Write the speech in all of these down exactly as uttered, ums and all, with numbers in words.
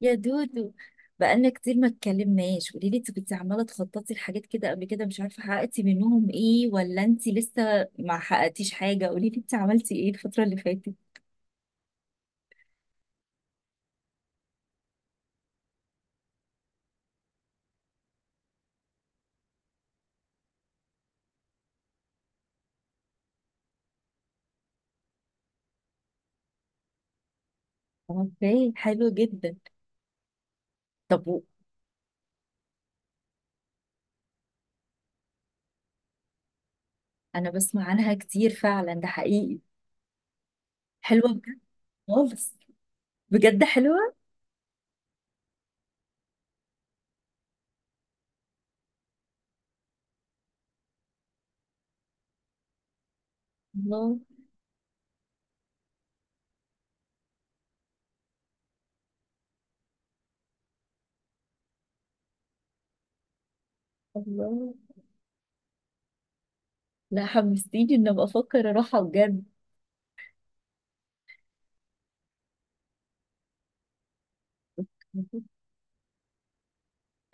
يا دودو، بقالنا كتير ما اتكلمناش. قولي لي، انت كنت عماله تخططي لحاجات كده قبل كده، مش عارفه حققتي منهم ايه ولا انت لسه ما حققتيش حاجه. قولي لي انت عملتي ايه الفتره اللي فاتت؟ اوكي، حلو جدا. طب و- انا بسمع عنها كتير فعلا، ده حقيقي. حلوه بجد خالص. بجد حلوه. الله. الله. لا، حمستيني ان ابقى افكر اروحها بجد.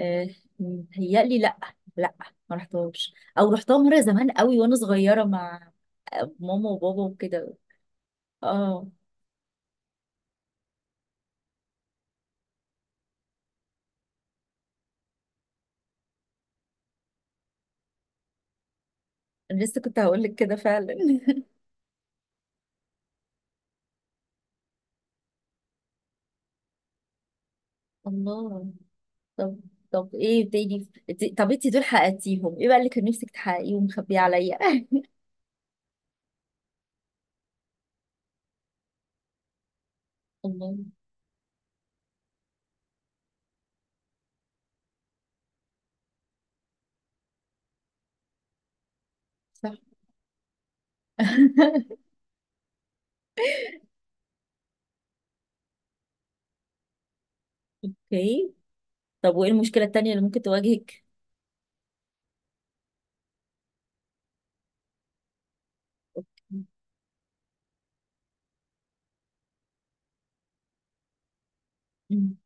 آه، متهيألي لأ. لأ، ما رحتهمش أو رحتها مرة زمان قوي وأنا صغيرة مع آه، ماما وبابا وكده. اه. أنا لسه كنت هقولك كده فعلا. الله. طب طب ايه تاني إنتي- طب انتي دول حققتيهم ايه بقى اللي كان نفسك تحققيه ومخبيه عليا؟ الله. صح. اوكي. طب وايه المشكلة التانية اللي ممكن تواجهك؟ أوكي.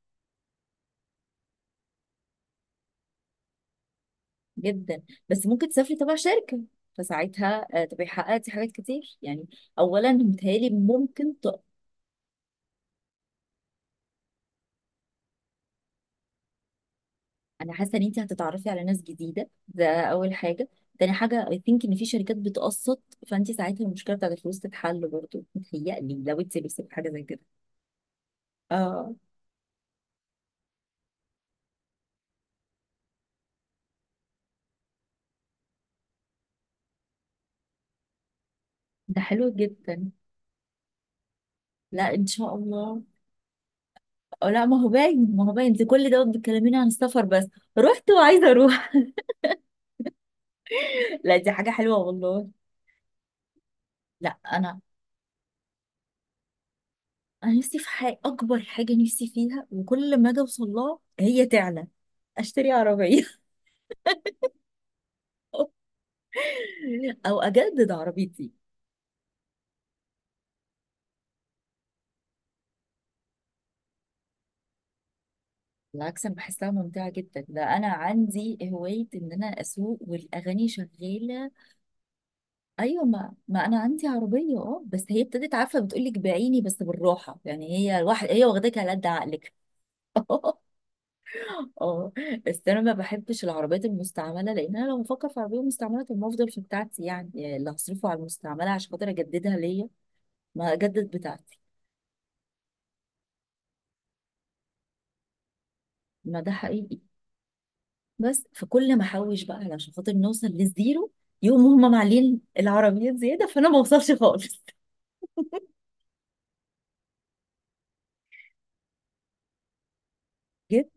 جدا. بس ممكن تسافري تبع شركة، فساعتها آه، تبقي حققتي حاجات كتير يعني. اولا متهيألي ممكن ت... انا حاسه ان انت هتتعرفي على ناس جديده، ده اول حاجه. تاني حاجه، اي ثينك ان في شركات بتقسط. فانت ساعتها المشكله بتاعت الفلوس تتحل برضه متهيألي لو انت نفسك في حاجه زي كده. اه، ده حلو جدا. لا، ان شاء الله. أو لا، ما هو باين. ما هو باين انت كل ده بتكلميني عن السفر بس. رحت وعايزه اروح. لا، دي حاجه حلوه والله. لا، انا انا نفسي في حاجه. اكبر حاجه نفسي فيها وكل ما اجي اوصل لها هي تعلى. اشتري عربيه. او اجدد عربيتي. بالعكس، انا بحسها ممتعه جدا. ده انا عندي هوايه ان انا اسوق والاغاني شغاله. ايوه، ما ما انا عندي عربيه، اه. بس هي ابتدت، عارفه، بتقول لك بعيني بس بالراحه. يعني هي الواحد، هي واخداك على قد عقلك. اه. بس انا ما بحبش العربيات المستعمله، لان انا لو بفكر في عربيه مستعمله، طب ما افضل في بتاعتي يعني يعني اللي هصرفه على المستعمله عشان خاطر اجددها ليا، ما اجدد بتاعتي. ما ده حقيقي. بس فكل ما احوش بقى علشان خاطر نوصل للزيرو، يقوم هم معلين العربيات زياده فانا ما اوصلش خالص. جيت.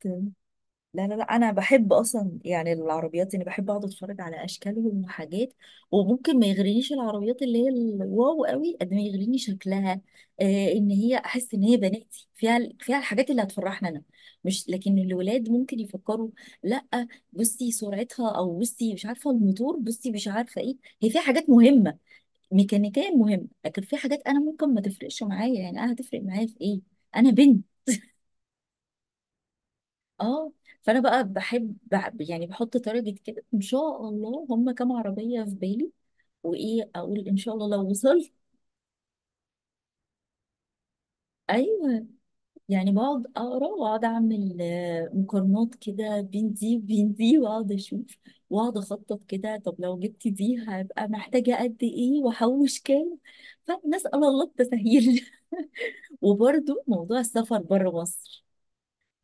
لا، لا، لا، انا بحب اصلا يعني العربيات، اني بحب اقعد اتفرج على اشكالهم وحاجات. وممكن ما يغرينيش العربيات اللي هي الواو قوي قد ما يغريني شكلها. آه، ان هي احس ان هي بناتي فيها فيها الحاجات اللي هتفرحنا انا. مش، لكن الولاد ممكن يفكروا. لا. بصي سرعتها، او بصي مش عارفه الموتور، بصي مش عارفه ايه. هي فيها حاجات مهمه، ميكانيكيا مهمه، لكن في حاجات انا ممكن ما تفرقش معايا. يعني انا هتفرق معايا في ايه؟ انا بنت. اه، فانا بقى بحب بحب- يعني بحط تارجت كده، ان شاء الله هم كام عربيه في بالي. وايه اقول، ان شاء الله لو وصلت. ايوه. يعني بقعد اقرا واقعد اعمل آه، مقارنات كده بين دي وبين دي، واقعد اشوف واقعد اخطط كده. طب لو جبت دي هبقى محتاجه قد ايه واحوش كام؟ فنسال الله التسهيل. وبرده موضوع السفر بره مصر.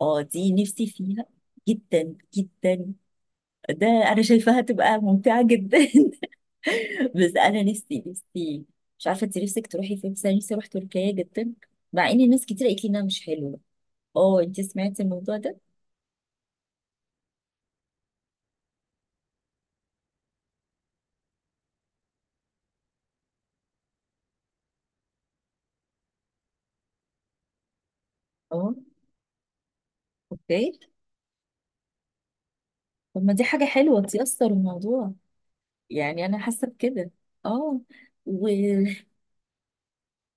اه، دي نفسي فيها جدا جدا. ده انا شايفاها تبقى ممتعة جدا. بس انا نفسي، نفسي. مش عارفة انت نفسك تروحي فين، بس انا نفسي اروح تركيا جدا. مع ان ناس كتير قالت لي انها مش حلوة. اه، انت سمعتي الموضوع ده؟ اه. اوكي. طب ما دي حاجة حلوة تيسر الموضوع. يعني انا حاسة بكده. اه، وكان.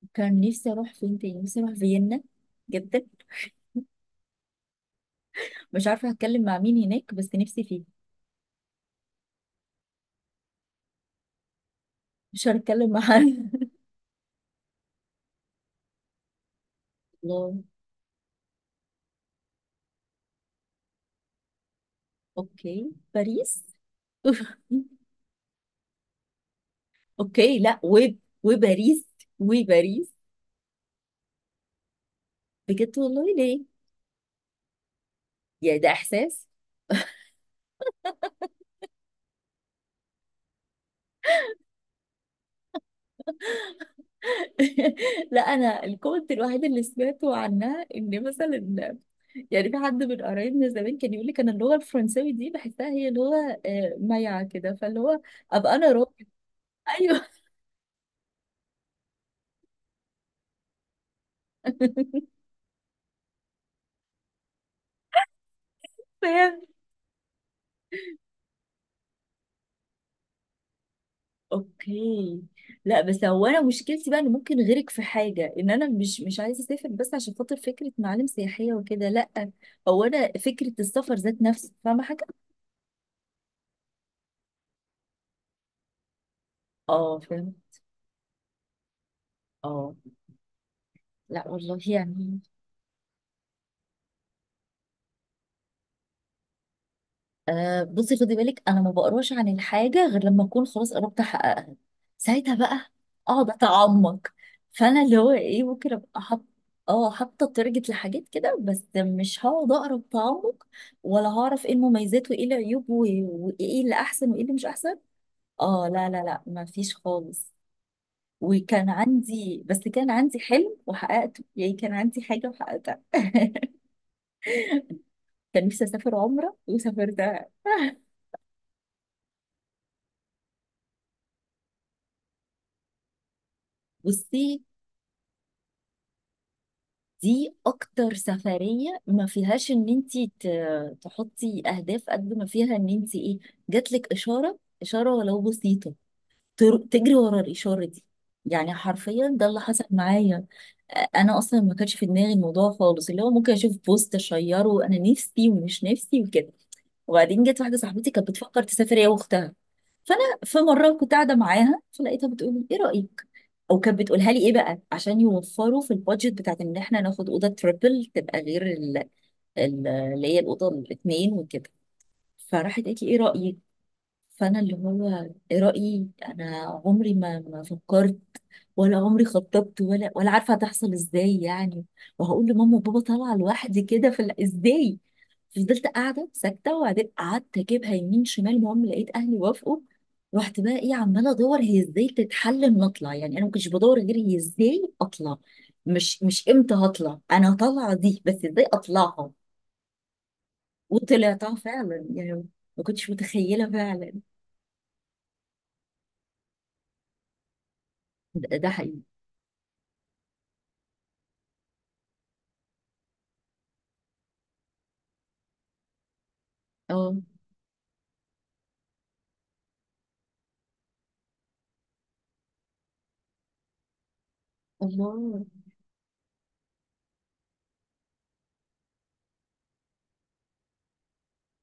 نفسي اروح فين تاني؟ نفسي اروح فيينا جدا. مش عارفة هتكلم مع مين هناك، بس نفسي فيه. مش هتكلم مع حد. الله. اوكي. باريس. اوكي، لا و... وباريس وباريس. بجد والله؟ ليه؟ يعني ده احساس؟ لا، انا الكومنت الوحيد اللي سمعته عنها ان مثلا، يعني في حد من قرايبنا زمان كان يقول لي كان اللغه الفرنساوي دي بحسها هي لغه آه، مايعه كده، فاللي هو ابقى انا راجل. ايوه. فهي. اوكي. لا بس هو انا مشكلتي بقى ان ممكن غيرك في حاجه، ان انا مش مش عايزه اسافر بس عشان خاطر فكره معالم سياحيه وكده، لا. هو انا فكره السفر ذات نفسه، فاهمه، حاجه. اه، فاهمه. اه. لا والله يعني. آه، بصي خدي بالك، انا ما بقراش عن الحاجه غير لما اكون خلاص قربت احققها. ساعتها بقى اقعد اتعمق. فانا اللي هو ايه، ممكن ابقى حاط. اه، حاطه تارجت لحاجات كده، بس مش هقعد اقرا بتعمق، ولا هعرف ايه المميزات وايه العيوب و- وايه اللي احسن وايه اللي مش احسن. اه، لا، لا، لا، ما فيش خالص. وكان عندي بس كان عندي حلم وحققته، يعني كان عندي حاجه وحققتها. كان نفسي اسافر عمره وسافرتها. بصي، دي اكتر سفرية ما فيهاش ان انتي ت- تحطي اهداف قد ما فيها ان انتي ايه. جاتلك اشارة، اشارة ولو بسيطة. تر- تجري ورا الاشارة دي. يعني حرفيا ده اللي حصل معايا. آه، انا اصلا ما كانش في دماغي الموضوع خالص، اللي هو ممكن اشوف بوست اشيره انا نفسي ومش نفسي وكده. وبعدين جت واحده صاحبتي كانت بتفكر تسافر هي واختها. فانا في مره كنت قاعده معاها فلقيتها بتقول لي، ايه رايك. او كانت بتقولها لي ايه بقى عشان يوفروا في البادجت بتاعت ان احنا ناخد اوضه تريبل تبقى غير ال- ال- اللي هي الاوضه الاثنين وكده. فراحت قالت لي، ايه رايك. فانا اللي هو، رايي انا عمري ما ما فكرت ولا عمري خططت ولا ولا عارفه هتحصل ازاي يعني. وهقول لماما وبابا طالعه لوحدي كده، في ال- ازاي. فضلت قاعده ساكته، وبعدين قعدت اجيبها يمين شمال. المهم لقيت اهلي وافقوا. رحت بقى ايه، عماله ادور هي ازاي تتحل، ان اطلع. يعني انا ما كنتش بدور غير هي ازاي اطلع. مش مش امتى هطلع، انا طالعه دي، بس ازاي اطلعها. وطلعتها فعلا يعني. ما كنتش متخيله فعلا. ده ده حقيقي. اه. الله.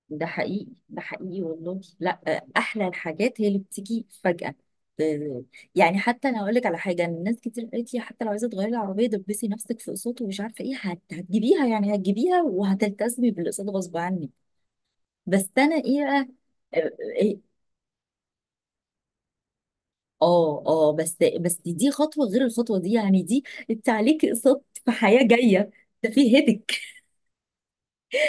ده حقيقي، ده حقيقي والله. لا آه، احلى الحاجات هي اللي بتيجي فجأة. ب- يعني حتى انا هقول لك على حاجه، إن الناس كتير قالت لي حتى لو عايزه تغيري العربيه دبسي نفسك في اقساط ومش عارفه ايه، هت- هتجيبيها يعني. هتجيبيها وهتلتزمي بالاقساط غصب عنك. بس انا ايه بقى. اه آه، إيه؟ اه آه، بس بس دي خطوه غير الخطوه دي، يعني دي. انت عليكي اقساط في حياه جايه. ده في هيدك.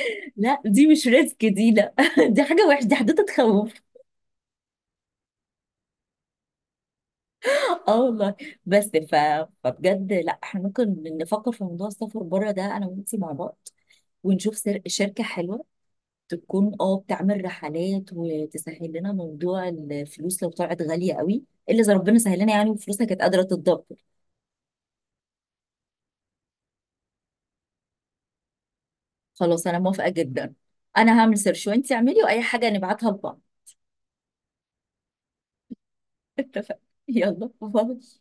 لا، دي مش ريسك دي، لا، دي حاجه وحشه، دي حدوته تخوف. اه والله. بس. ف... فبجد، لا احنا ممكن نفكر في موضوع السفر بره ده انا وانتي مع بعض. ونشوف سر... شركة حلوة تكون اه بتعمل رحلات وتسهل لنا موضوع الفلوس لو طلعت غالية قوي. الا اذا ربنا سهل لنا يعني، وفلوسها كانت قادرة تتدبر. خلاص، انا موافقة جدا. انا هعمل سيرش وانتي اعملي، واي حاجة نبعتها لبعض. اتفقنا. يلا، باي.